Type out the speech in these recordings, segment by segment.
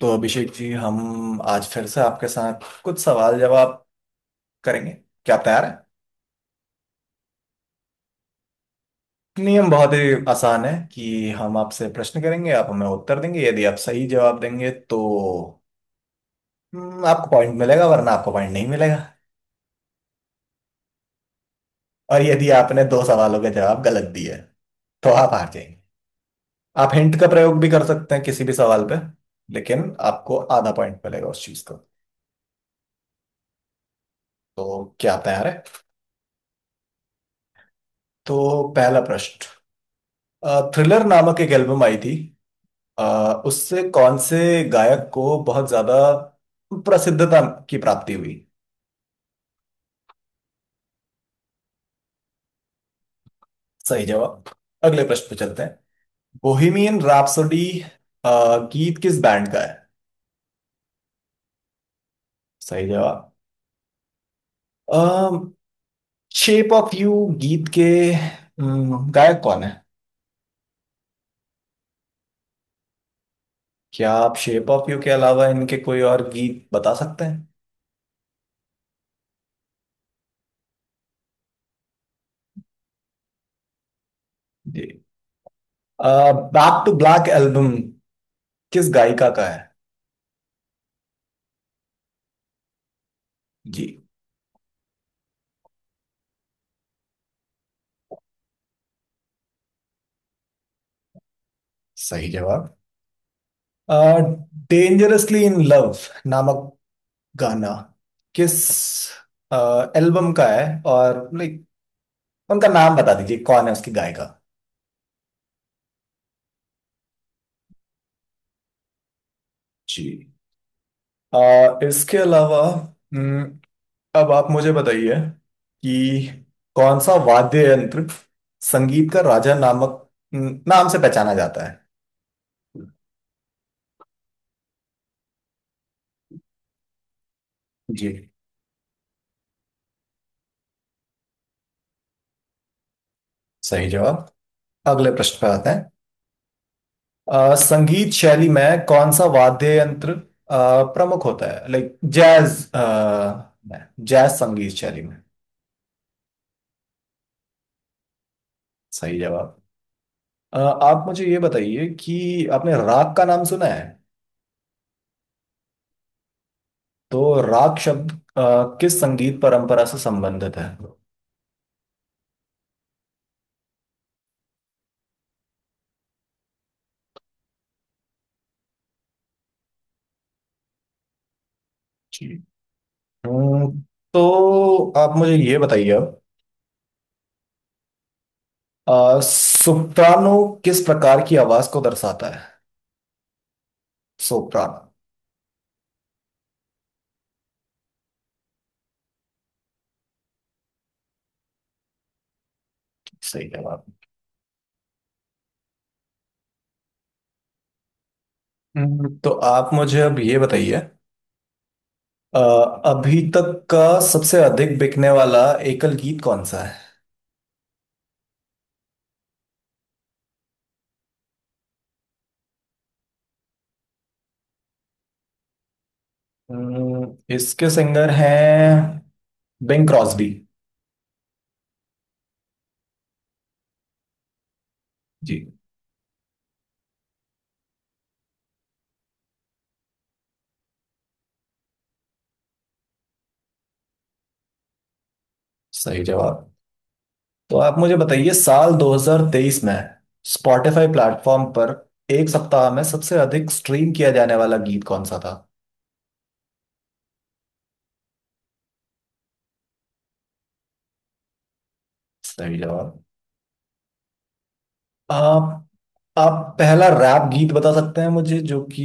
तो अभिषेक जी, हम आज फिर से आपके साथ कुछ सवाल जवाब करेंगे। क्या आप तैयार हैं? नियम बहुत ही आसान है कि हम आपसे प्रश्न करेंगे, आप हमें उत्तर देंगे। यदि आप सही जवाब देंगे तो आपको पॉइंट मिलेगा, वरना आपको पॉइंट नहीं मिलेगा। और यदि आपने दो सवालों के जवाब गलत दिए तो आप हार जाएंगे। आप हिंट का प्रयोग भी कर सकते हैं किसी भी सवाल पे, लेकिन आपको आधा पॉइंट मिलेगा उस चीज का। तो क्या आप तैयार है? तो पहला प्रश्न। थ्रिलर नामक एक एल्बम आई थी। अ, उससे कौन से गायक को बहुत ज्यादा प्रसिद्धता की प्राप्ति हुई? सही जवाब। अगले प्रश्न पे चलते हैं। बोहेमियन रैप्सोडी गीत किस बैंड का है? सही जवाब। शेप ऑफ यू गीत के गायक कौन है? क्या आप शेप ऑफ यू के अलावा इनके कोई और गीत बता सकते हैं? जी। बैक टू ब्लैक एल्बम किस गायिका का है? जी। सही जवाब। डेंजरसली इन लव नामक गाना किस एल्बम का है, और लाइक उनका नाम बता दीजिए, कौन है उसकी गायिका? जी। इसके अलावा हम्म, अब आप मुझे बताइए कि कौन सा वाद्य यंत्र संगीत का राजा नामक नाम से पहचाना जाता है? जी। सही जवाब। अगले प्रश्न पर आते हैं। संगीत शैली में कौन सा वाद्य यंत्र प्रमुख होता है, लाइक जैज जैज संगीत शैली में? सही जवाब। आप मुझे ये बताइए कि आपने राग का नाम सुना है? तो राग शब्द किस संगीत परंपरा से संबंधित है? जी। हम्म, तो आप मुझे ये बताइए अब, सोप्रानो किस प्रकार की आवाज को दर्शाता है, सोप्रानो? सही जवाब। तो आप मुझे अब ये बताइए, अ, अभी तक का सबसे अधिक बिकने वाला एकल गीत कौन सा है? इसके सिंगर हैं बिंग क्रॉस्बी। जी। सही जवाब। तो आप मुझे बताइए साल 2023 में स्पॉटिफाई प्लेटफॉर्म पर एक सप्ताह में सबसे अधिक स्ट्रीम किया जाने वाला गीत कौन सा था? सही जवाब। आप आप पहला रैप गीत बता सकते हैं मुझे, जो कि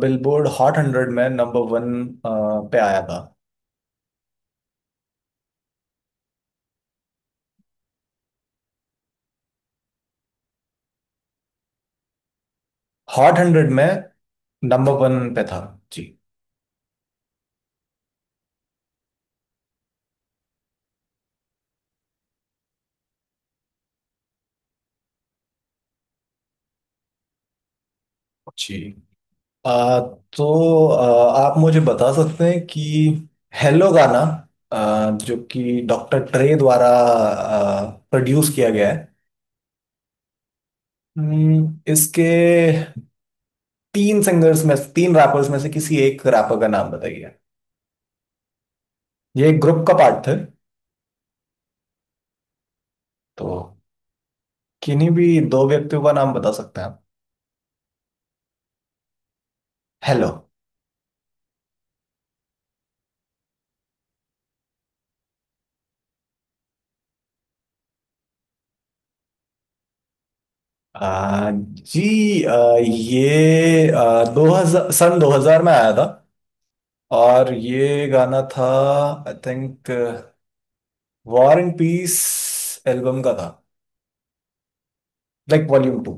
बिलबोर्ड हॉट हंड्रेड में नंबर वन पे आया था? हॉट हंड्रेड में। नंबर वन पे था। जी, जी। आ, तो आप मुझे बता सकते हैं कि हेलो गाना, जो कि डॉक्टर ट्रे द्वारा प्रोड्यूस किया गया है? इसके तीन सिंगर्स में, तीन रैपर्स में से किसी एक रैपर का नाम बताइए। ये एक ग्रुप का पार्ट थे। तो किन्हीं भी दो व्यक्तियों का नाम बता सकते हैं आप? हेलो। जी। ये आ, 2000 सन 2000 में आया था, और ये गाना था, I think war and peace album का था, लाइक वॉल्यूम टू।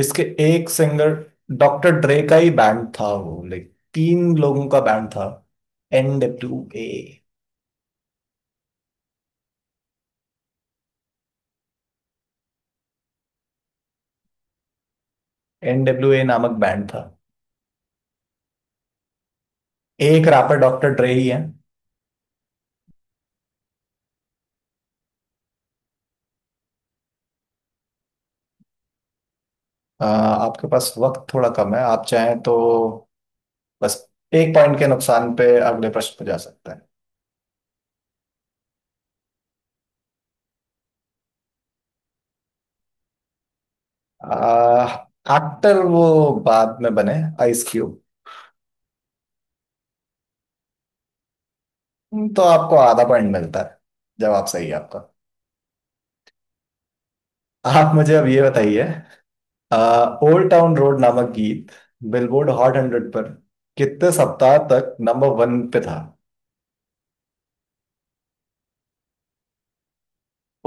इसके एक सिंगर डॉक्टर ड्रे का ही बैंड था, वो लाइक तीन लोगों का बैंड था। NWA। NWA नामक बैंड था। एक रैपर डॉक्टर ड्रे ही है। आपके पास वक्त थोड़ा कम है, आप चाहें तो बस एक पॉइंट के नुकसान पे अगले प्रश्न पे जा सकते हैं। आ, एक्टर वो बाद में बने, आइस क्यूब। तो आपको आधा पॉइंट मिलता है, जवाब सही है आपका। आप मुझे अब ये बताइए, ओल्ड टाउन रोड नामक गीत बिलबोर्ड हॉट हंड्रेड पर कितने सप्ताह तक नंबर वन पे था?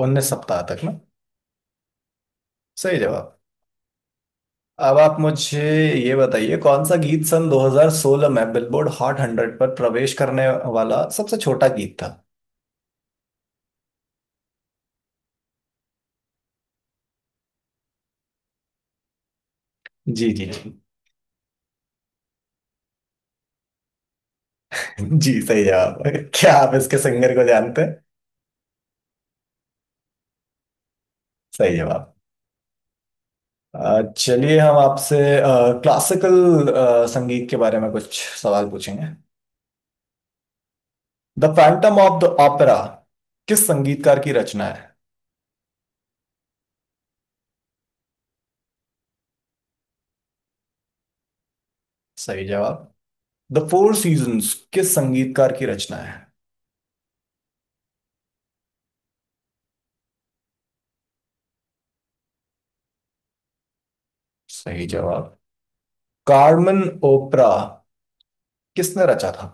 19 सप्ताह तक ना? सही जवाब। अब आप मुझे ये बताइए, कौन सा गीत सन 2016 में बिलबोर्ड हॉट हंड्रेड पर प्रवेश करने वाला सबसे छोटा गीत था? जी, जी, जी। जी, सही जवाब। क्या आप इसके सिंगर को जानते हैं? सही जवाब। चलिए, हम आपसे क्लासिकल संगीत के बारे में कुछ सवाल पूछेंगे। The phantom of the opera किस संगीतकार की रचना है? सही जवाब। द फोर सीजन्स किस संगीतकार की रचना है? सही जवाब। कार्मेन ओपरा किसने रचा था?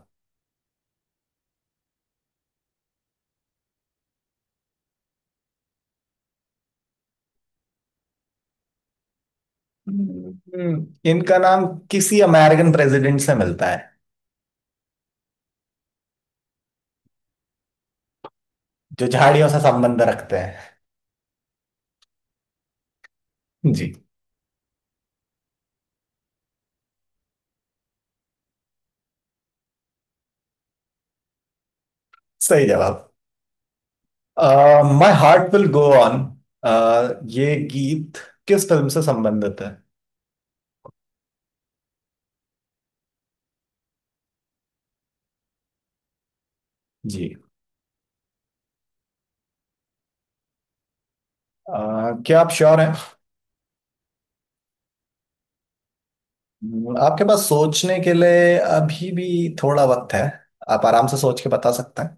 इनका नाम किसी अमेरिकन प्रेसिडेंट से मिलता है, जो झाड़ियों से संबंध रखते हैं। जी। सही जवाब। My heart will go on, ये गीत किस फिल्म से संबंधित है? जी। क्या आप श्योर हैं? हम्म। आपके पास सोचने के लिए अभी भी थोड़ा वक्त है, आप आराम से सोच के बता सकते हैं।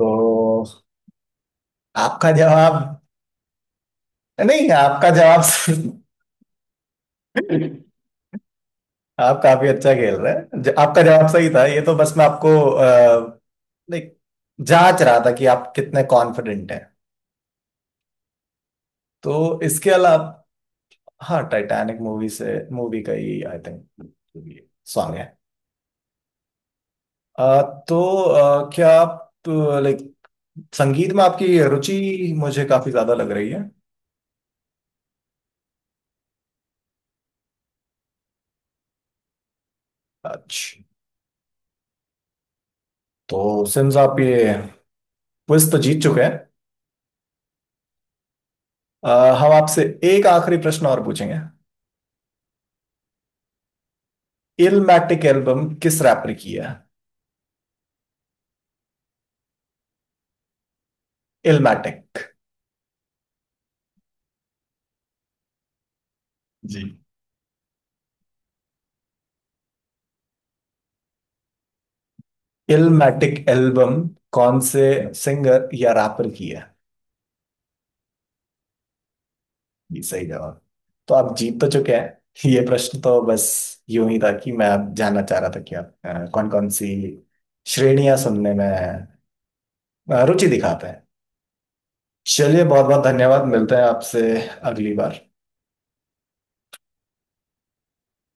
तो आपका जवाब? नहीं, आपका जवाब। आप काफी अच्छा खेल रहे हैं। आपका जवाब सही था, ये तो बस मैं आपको लाइक जांच रहा था कि आप कितने कॉन्फिडेंट हैं। तो इसके अलावा, हाँ, टाइटैनिक मूवी से, मूवी का ही आई थिंक सॉन्ग है। आ, तो क्या आप, लाइक, संगीत में आपकी रुचि मुझे काफी ज्यादा लग रही है। अच्छा। तो सिम्स, आप ये क्विज तो जीत चुके हैं। हम आपसे एक आखिरी प्रश्न और पूछेंगे। इलमैटिक एल्बम किस रैप ने की है? इलमैटिक। जी। इलमैटिक एल्बम कौन से सिंगर या रैपर की है? जी, सही जवाब। तो आप जीत तो चुके हैं, ये प्रश्न तो बस यूं ही था कि मैं आप जानना चाह रहा था कि आप कौन कौन सी श्रेणियां सुनने में रुचि दिखाते हैं। चलिए, बहुत बहुत धन्यवाद, मिलते हैं आपसे अगली बार।